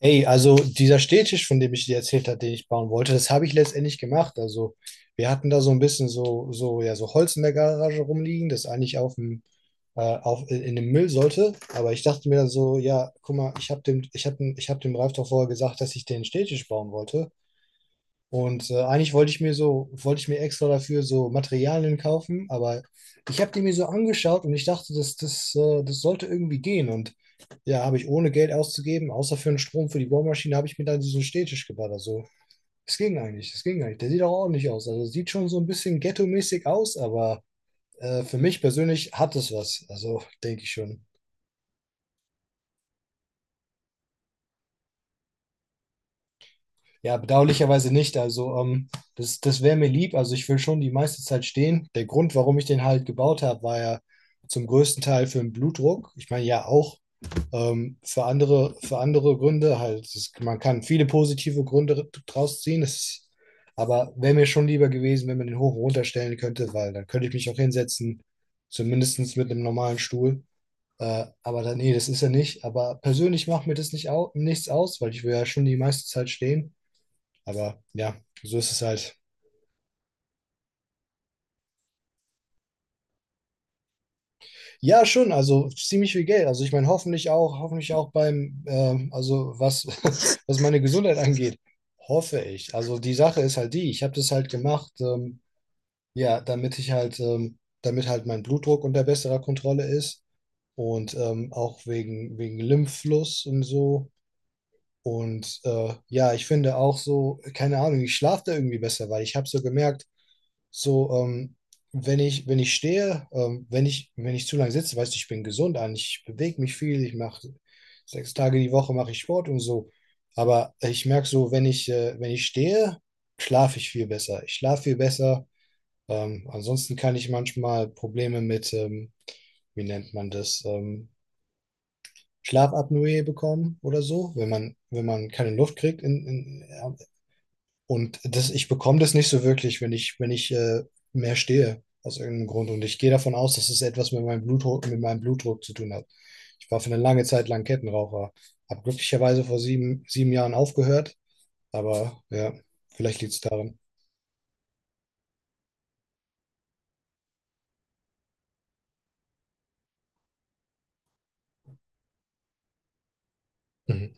Ey, also dieser Stehtisch, von dem ich dir erzählt habe, den ich bauen wollte, das habe ich letztendlich gemacht. Also wir hatten da so ein bisschen so, so Holz in der Garage rumliegen, das eigentlich auf dem, auf, in dem Müll sollte. Aber ich dachte mir dann so, ja, guck mal, ich habe dem Ralf doch vorher gesagt, dass ich den Stehtisch bauen wollte. Und eigentlich wollte ich mir extra dafür so Materialien kaufen, aber ich habe die mir so angeschaut und ich dachte, das sollte irgendwie gehen. Und ja, habe ich ohne Geld auszugeben, außer für den Strom für die Bohrmaschine, habe ich mir dann diesen Stehtisch gebaut. Also, es ging eigentlich, es ging eigentlich. Der sieht auch ordentlich aus. Also, sieht schon so ein bisschen ghetto-mäßig aus, aber für mich persönlich hat es was. Also, denke ich schon. Ja, bedauerlicherweise nicht. Also, das wäre mir lieb. Also, ich will schon die meiste Zeit stehen. Der Grund, warum ich den halt gebaut habe, war ja zum größten Teil für den Blutdruck. Ich meine, ja, auch für andere Gründe halt. Es ist, man kann viele positive Gründe draus ziehen. Aber wäre mir schon lieber gewesen, wenn man den hoch und runter stellen könnte, weil dann könnte ich mich auch hinsetzen, zumindest mit einem normalen Stuhl. Aber dann, nee, das ist er nicht. Aber persönlich macht mir das nicht au nichts aus, weil ich will ja schon die meiste Zeit stehen. Aber ja, so ist es halt. Ja, schon, also ziemlich viel Geld. Also ich meine, hoffentlich auch beim, was meine Gesundheit angeht, hoffe ich. Also die Sache ist halt die, ich habe das halt gemacht, ja, damit halt mein Blutdruck unter besserer Kontrolle ist und auch wegen Lymphfluss und so. Und ja, ich finde auch so, keine Ahnung, ich schlafe da irgendwie besser, weil ich habe so gemerkt, so, wenn ich stehe, wenn ich zu lange sitze, weißt du, ich bin gesund an, ich bewege mich viel, ich mache 6 Tage die Woche mache ich Sport und so. Aber ich merke so, wenn ich stehe, schlafe ich viel besser. Ich schlafe viel besser. Ansonsten kann ich manchmal Probleme mit, wie nennt man das, Schlafapnoe bekommen oder so, wenn man keine Luft kriegt in, in, und ich bekomme das nicht so wirklich, wenn ich, wenn ich mehr stehe, aus irgendeinem Grund. Und ich gehe davon aus, dass es etwas mit meinem Blutdruck zu tun hat. Ich war für eine lange Zeit lang Kettenraucher. Habe glücklicherweise vor 7 Jahren aufgehört, aber ja, vielleicht liegt es daran. Mhm.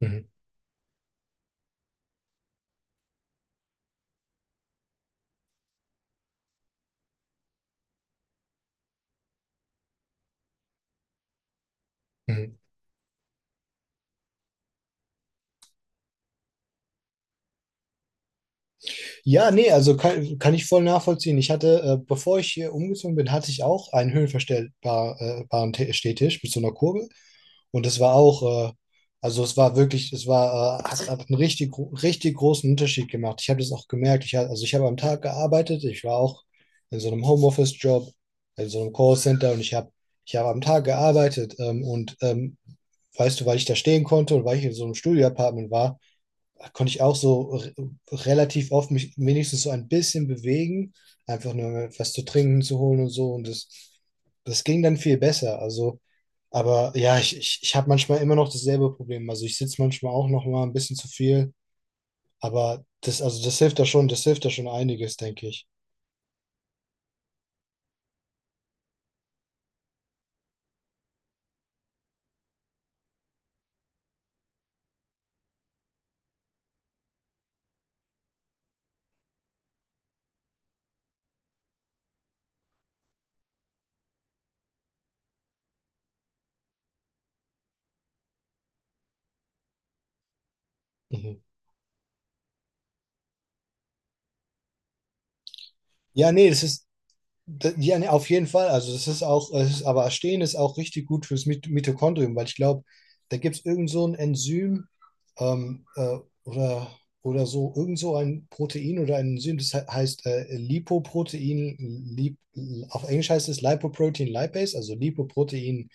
Mhm. Mhm. Ja, nee, also kann ich voll nachvollziehen. Ich hatte, bevor ich hier umgezogen bin, hatte ich auch einen höhenverstellbaren Stehtisch mit so einer Kurbel. Und es war auch, äh, also es war wirklich, es war, hat einen richtig, richtig großen Unterschied gemacht. Ich habe das auch gemerkt. Also ich habe am Tag gearbeitet, ich war auch in so einem Homeoffice-Job, in so einem Callcenter und ich habe am Tag gearbeitet und weißt du, weil ich da stehen konnte und weil ich in so einem Studio-Apartment war, konnte ich auch so relativ oft mich wenigstens so ein bisschen bewegen, einfach nur was zu trinken zu holen und so. Und das ging dann viel besser. Also, aber ja, ich habe manchmal immer noch dasselbe Problem. Also ich sitze manchmal auch noch mal ein bisschen zu viel, aber das hilft da schon, einiges, denke ich. Mhm. Ja, nee, ja, ne, auf jeden Fall. Also das ist auch, aber Arsen ist auch richtig gut fürs Mitochondrium, weil ich glaube, da gibt es irgend so ein Enzym ähm, äh, oder, oder so, irgend so ein Protein oder ein Enzym, das heißt Lipoprotein, Lip, auf Englisch heißt es Lipoprotein Lipase, also Lipoprotein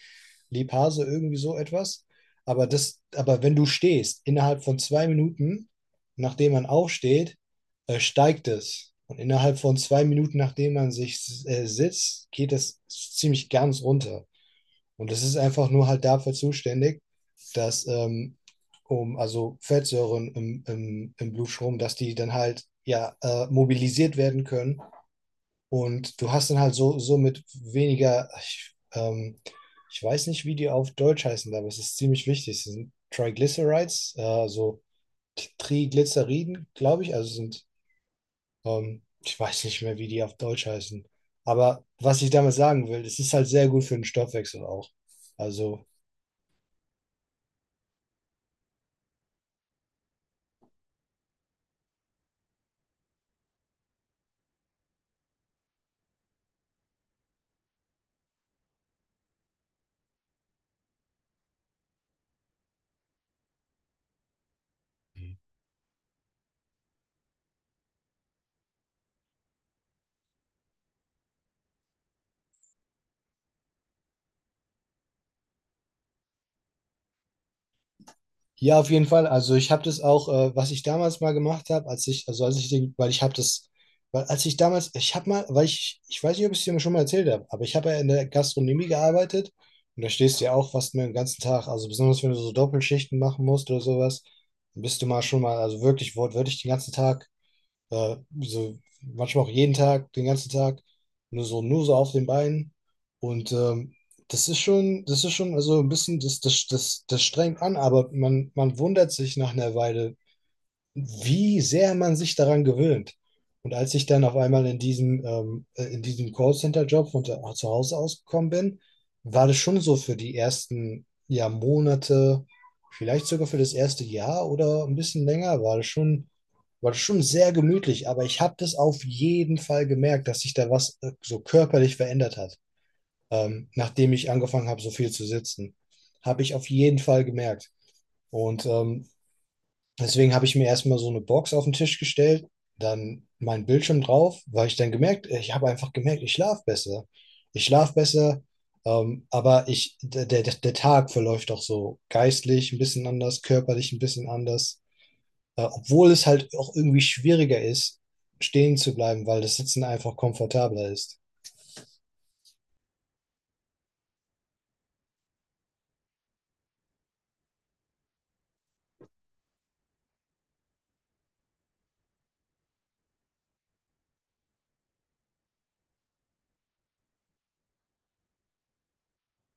Lipase, irgendwie so etwas. Aber wenn du stehst, innerhalb von 2 Minuten, nachdem man aufsteht, steigt es. Und innerhalb von 2 Minuten, nachdem man sich sitzt, geht es ziemlich ganz runter. Und das ist einfach nur halt dafür zuständig, dass also Fettsäuren im Blutstrom, dass die dann halt ja mobilisiert werden können. Und du hast dann halt so mit weniger, ich weiß nicht, wie die auf Deutsch heißen, aber es ist ziemlich wichtig. Es sind Triglycerides, also Triglyceriden, glaube ich, also sind ich weiß nicht mehr, wie die auf Deutsch heißen. Aber was ich damit sagen will, es ist halt sehr gut für den Stoffwechsel auch. Also. Mhm. Ja, auf jeden Fall. Also ich habe das auch, was ich damals mal gemacht habe, als ich, also als ich den, weil ich habe das, weil als ich damals, ich habe mal, weil ich weiß nicht, ob ich es dir schon mal erzählt habe, aber ich habe ja in der Gastronomie gearbeitet und da stehst du ja auch fast den ganzen Tag, also besonders wenn du so Doppelschichten machen musst oder sowas, bist du mal schon mal, also wirklich wortwörtlich den ganzen Tag so, manchmal auch jeden Tag, den ganzen Tag, nur so auf den Beinen. Und das ist schon, also ein bisschen, das strengt an, aber man wundert sich nach einer Weile, wie sehr man sich daran gewöhnt. Und als ich dann auf einmal in diesem Callcenter-Job von zu Hause ausgekommen bin, war das schon so für die ersten ja, Monate, vielleicht sogar für das erste Jahr oder ein bisschen länger, war das schon sehr gemütlich. Aber ich habe das auf jeden Fall gemerkt, dass sich da was so körperlich verändert hat. Nachdem ich angefangen habe, so viel zu sitzen, habe ich auf jeden Fall gemerkt. Und deswegen habe ich mir erstmal so eine Box auf den Tisch gestellt, dann meinen Bildschirm drauf, weil ich dann gemerkt, ich habe einfach gemerkt, ich schlafe besser. Ich schlafe besser, aber der Tag verläuft auch so geistlich ein bisschen anders, körperlich ein bisschen anders. Obwohl es halt auch irgendwie schwieriger ist, stehen zu bleiben, weil das Sitzen einfach komfortabler ist.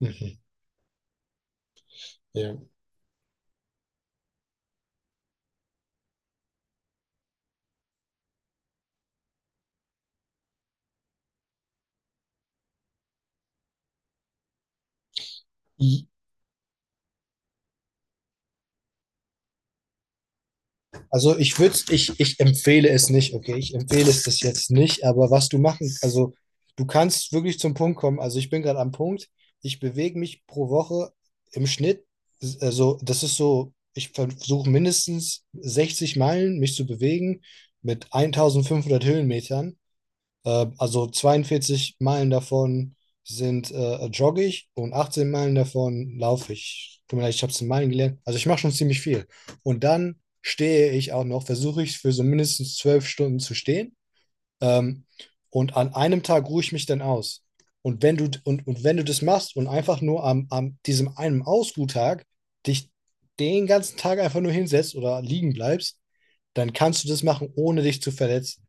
Mhm. Ja. Also ich empfehle es nicht, okay? Ich empfehle es das jetzt nicht, aber was du machen, also du kannst wirklich zum Punkt kommen. Also ich bin gerade am Punkt, ich bewege mich pro Woche im Schnitt, also das ist so, ich versuche mindestens 60 Meilen mich zu bewegen mit 1500 Höhenmetern also 42 Meilen davon sind joggig und 18 Meilen davon laufe ich. Tut mir leid, ich habe es in Meilen gelernt. Also ich mache schon ziemlich viel. Und dann stehe ich auch noch, versuche ich für so mindestens 12 Stunden zu stehen. Ähm, und an einem Tag ruhe ich mich dann aus. Und und wenn du das machst und einfach nur am, diesem einen Ausruhtag dich den ganzen Tag einfach nur hinsetzt oder liegen bleibst, dann kannst du das machen, ohne dich zu verletzen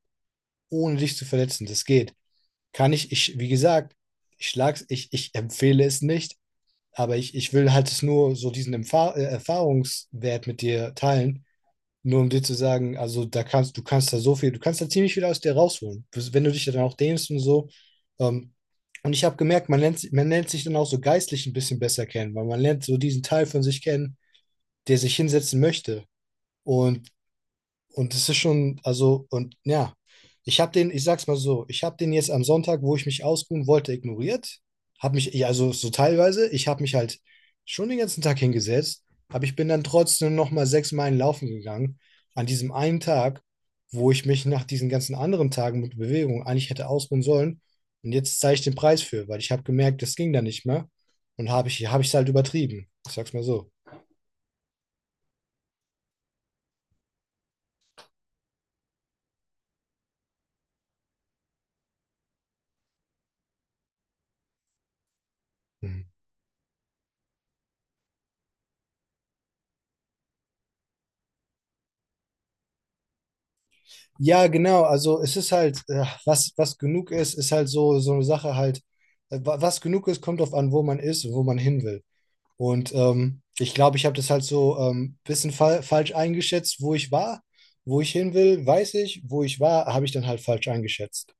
ohne dich zu verletzen. Das geht. Wie gesagt, ich empfehle es nicht, aber ich will halt es nur so diesen Erfahrungswert mit dir teilen, nur um dir zu sagen, also da kannst, du kannst da so viel, du kannst da ziemlich viel aus dir rausholen. Wenn du dich da dann auch dehnst und so. Ähm, und ich habe gemerkt, man lernt sich dann auch so geistlich ein bisschen besser kennen, weil man lernt so diesen Teil von sich kennen, der sich hinsetzen möchte. Und und das ist schon, also, und ja, ich habe den, ich sag's mal so, ich habe den jetzt am Sonntag, wo ich mich ausruhen wollte, ignoriert. Habe mich, ja, also so teilweise, ich habe mich halt schon den ganzen Tag hingesetzt, aber ich bin dann trotzdem nochmal 6 Meilen laufen gegangen, an diesem einen Tag, wo ich mich nach diesen ganzen anderen Tagen mit Bewegung eigentlich hätte ausruhen sollen. Und jetzt zahle ich den Preis für, weil ich habe gemerkt, das ging da nicht mehr. Habe ich es halt übertrieben. Ich sag's mal so. Ja, genau. Also es ist halt, was genug ist, ist halt so eine Sache halt, was genug ist, kommt drauf an, wo man ist und wo man hin will. Und ich glaube, ich habe das halt so ein bisschen fa falsch eingeschätzt, wo ich war, wo ich hin will, weiß ich, wo ich war, habe ich dann halt falsch eingeschätzt.